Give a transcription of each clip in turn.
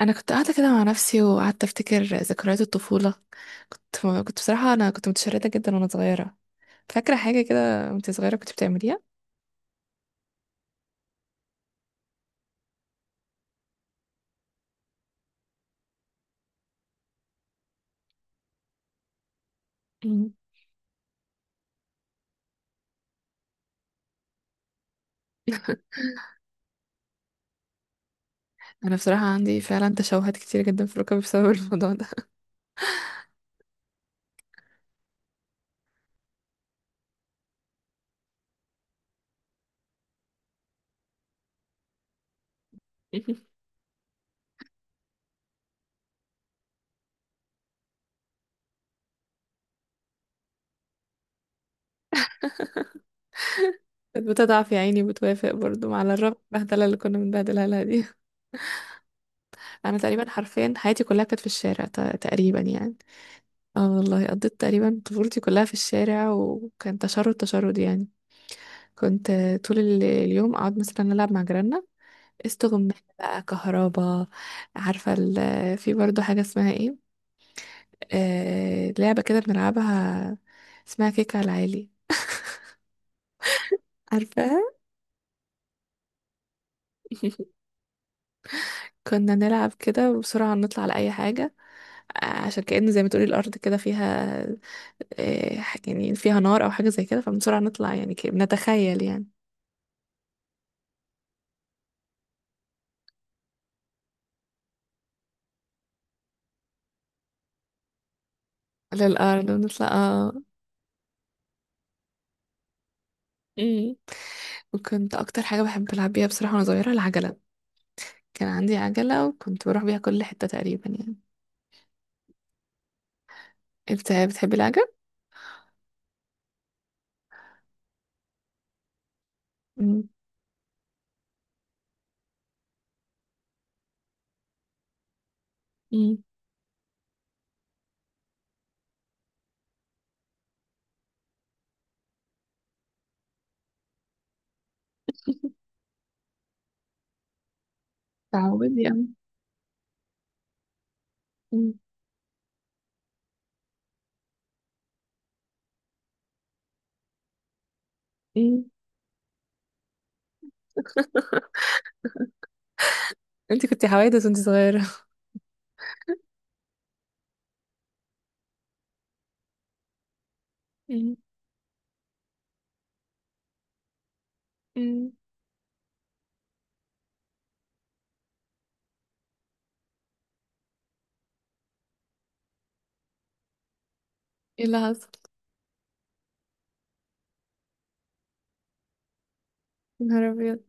انا كنت قاعده كده مع نفسي وقعدت افتكر ذكريات الطفوله. كنت كنت بصراحه انا كنت متشرده جدا وانا صغيره. فاكره حاجه كده وانت صغيره كنت بتعمليها؟ مم. انا بصراحه عندي فعلا تشوهات كتير جدا في ركبي بسبب الموضوع ده. كانت بتضعف يا عيني وبتوافق برضو على الرغم من البهدله اللي كنا بنبهدلها لها دي. انا تقريبا حرفيا حياتي كلها كانت في الشارع، تقريبا يعني. اه والله قضيت تقريبا طفولتي كلها في الشارع، وكان تشرد تشرد يعني. كنت طول اليوم اقعد مثلا العب مع جيراننا استغماية بقى كهربا. عارفة في برضو حاجة اسمها ايه؟ لعبة كده بنلعبها اسمها كيك على العالي. عارفاها. كنا نلعب كده وبسرعة نطلع على أي حاجة، عشان كأن زي ما تقولي الأرض كده فيها، يعني فيها نار أو حاجة زي كده فبسرعة نطلع يعني، بنتخيل يعني للأرض ونطلع اه. مم. وكنت أكتر حاجة بحب ألعب بيها بصراحة وأنا صغيرة العجلة. كان عندي عجلة وكنت بروح بيها كل حتة تقريبا يعني. انت بتحبي العجل؟ مم. مم. تعودي يعني. مم. مم. انت كنت حوادث وانت صغيرة؟ مم. مم. ايه اللي حصل؟ يا نهار ابيض.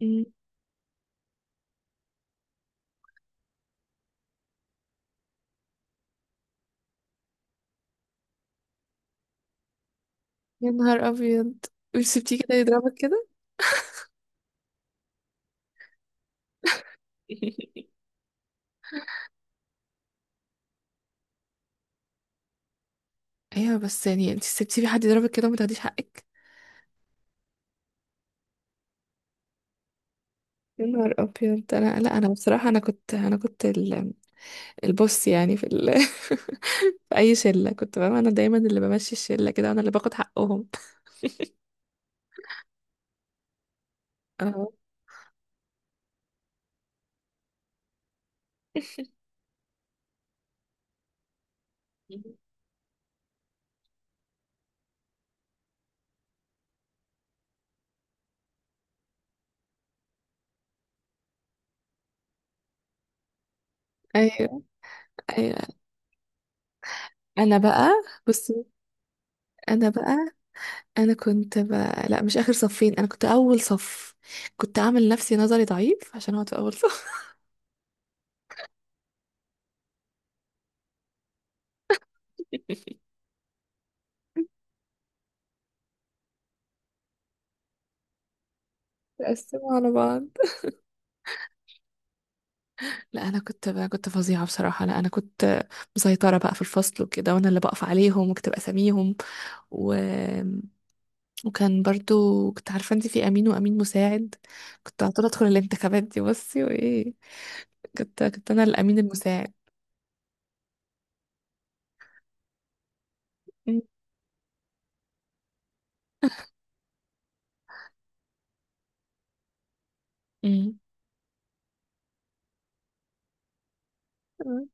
مم. يا نهار ابيض، مش سبتيه كده يضربك كده؟ ايوه، بس يعني انت سبتيه في حد يضربك كده وما تاخديش حقك؟ يا نهار ابيض. انا، لا انا بصراحة، انا كنت البوس يعني في اي شلة كنت بقى انا دايما اللي بمشي الشلة كده، وانا اللي باخد حقهم. اه. ايوه. ايوه. انا بقى. بصي. انا بقى. انا كنت ب... لا مش اخر صفين، انا كنت اول صف. كنت اعمل نفسي نظري ضعيف عشان اقعد في اول صف. اقسمه على بعض. لا انا كنت فظيعه بصراحه. لا انا كنت مسيطره بقى في الفصل وكده، وانا اللي بقف عليهم وكنت بسميهم. و... وكان برضو كنت عارفه انت في امين وامين مساعد. كنت على طول ادخل الانتخابات دي بصي وايه. كنت انا الامين المساعد. م- م- م-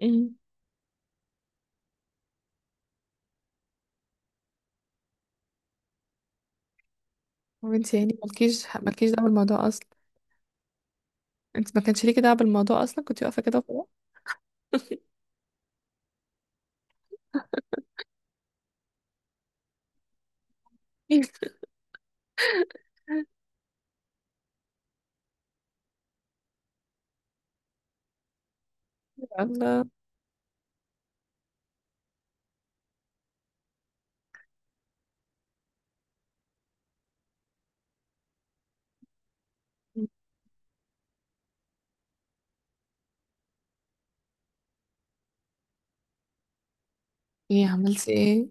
م. وانت يعني مالكيش دعوه بالموضوع؟ انت ما كانش ليكي دعوه بالموضوع اصلا، كنت واقفه كده وخلاص. الله. ايه عملتي ايه؟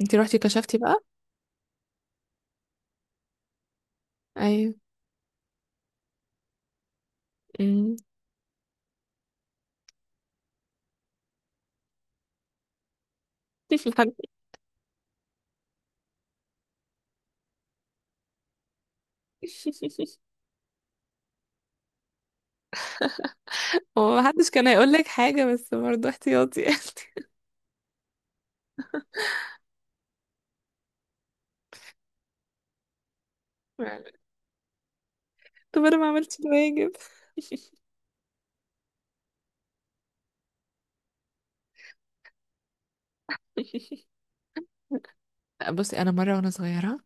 انت روحتي كشفتي بقى؟ ايوه. امم. هو محدش كان هيقول لك حاجه، بس برضه احتياطي يعني. طب انا ما عملتش الواجب. بصي، انا مره وانا صغيره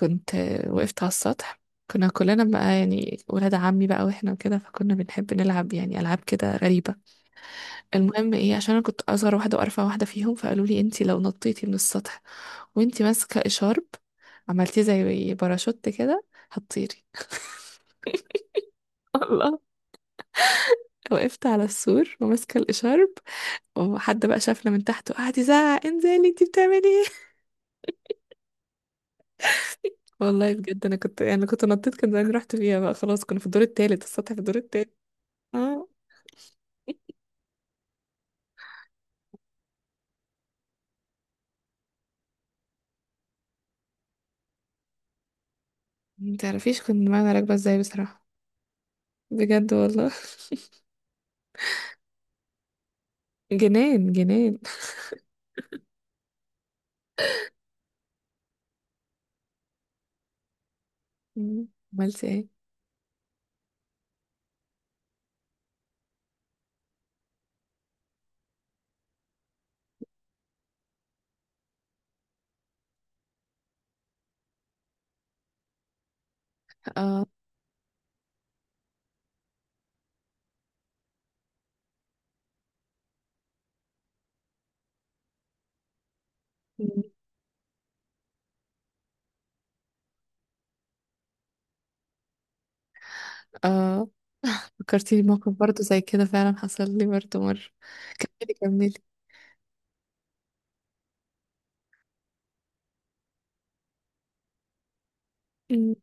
كنت، وقفت على السطح. كنا كلنا بقى يعني ولاد عمي بقى واحنا كده، فكنا بنحب نلعب يعني العاب كده غريبه. المهم ايه، عشان انا كنت اصغر واحده وارفع واحده فيهم فقالوا لي انتي لو نطيتي من السطح وانتي ماسكه اشارب عملتيه زي باراشوت كده هتطيري. الله. وقفت على السور وماسكه الاشارب، وحد بقى شافنا من تحت وقعد يزعق انزلي انتي بتعملي ايه. والله بجد انا كنت يعني كنت نطيت كان زمان رحت فيها بقى خلاص. كنا في الدور التالت، السطح في الدور التالت. اه. متعرفيش كنت معانا راكبه ازاي بصراحه، بجد والله. جنان جنان. مم. عملت ايه؟ اه. مم. اه فكرتيني بموقف برضه زي كده فعلا حصل لي برضه مرة. كملي كملي. مم.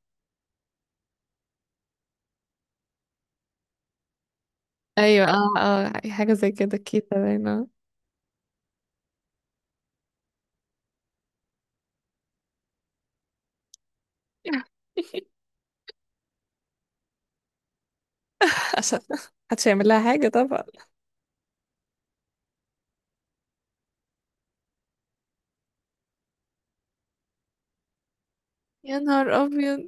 ايوه اه اه حاجة زي كده كده باينة. عشان محدش هيعمل لها حاجة طبعا. يا نهار أبيض.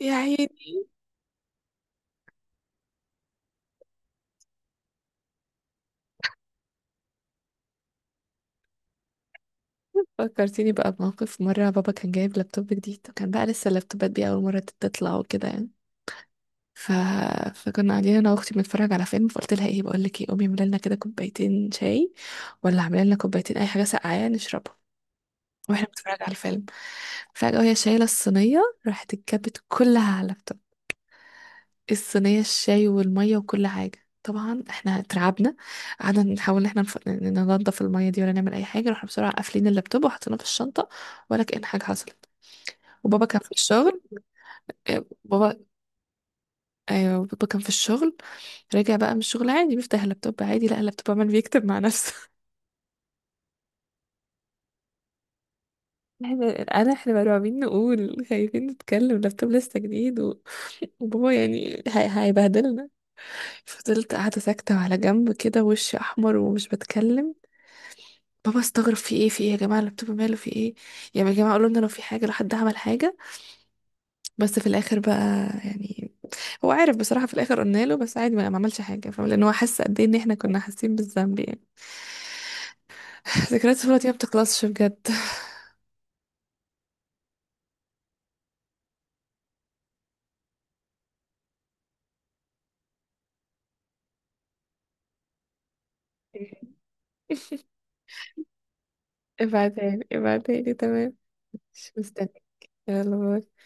يا عيني. فكرتيني بقى بموقف مرة بابا كان جايب لابتوب جديد، وكان بقى لسه اللابتوبات دي أول مرة تطلع وكده يعني. ف... فكنا قاعدين أنا وأختي بنتفرج على فيلم، فقلت لها إيه بقول لك إيه، قومي اعملي لنا كده كوبايتين شاي، ولا اعملي لنا كوبايتين أي حاجة ساقعة يعني نشربها واحنا بنتفرج على الفيلم. فجأة وهي شايلة الصينية راحت اتكبت كلها على اللابتوب، الصينية الشاي والمية وكل حاجة. طبعا احنا اترعبنا، قعدنا نحاول ان احنا ننضف المية دي، ولا نعمل اي حاجة رحنا بسرعة قافلين اللابتوب وحطيناه في الشنطة، ولا كأن حاجة حصلت. وبابا كان في الشغل. بابا، ايوه بابا كان في الشغل. رجع بقى من الشغل عادي بيفتح اللابتوب عادي، لقى اللابتوب عمال بيكتب مع نفسه. احنا، احنا مرعوبين نقول، خايفين نتكلم، اللابتوب لسه جديد، وبابا يعني هيبهدلنا. فضلت قاعدة ساكتة على جنب كده وشي أحمر ومش بتكلم. بابا استغرب في ايه في ايه يا جماعة، اللابتوب ماله في ايه؟ يعني يا جماعة قالوا لنا لو في حاجة لو حد عمل حاجة. بس في الآخر بقى يعني هو عارف بصراحة. في الآخر قلنا له، بس عادي ما عملش حاجة، فاهم، لأن هو حس قد ايه إن احنا كنا حاسين بالذنب يعني. ذكريات الطفولة دي ما بتخلصش بجد. ابعتهالي ابعتهالي تمام. مش مستنية. يلا باي.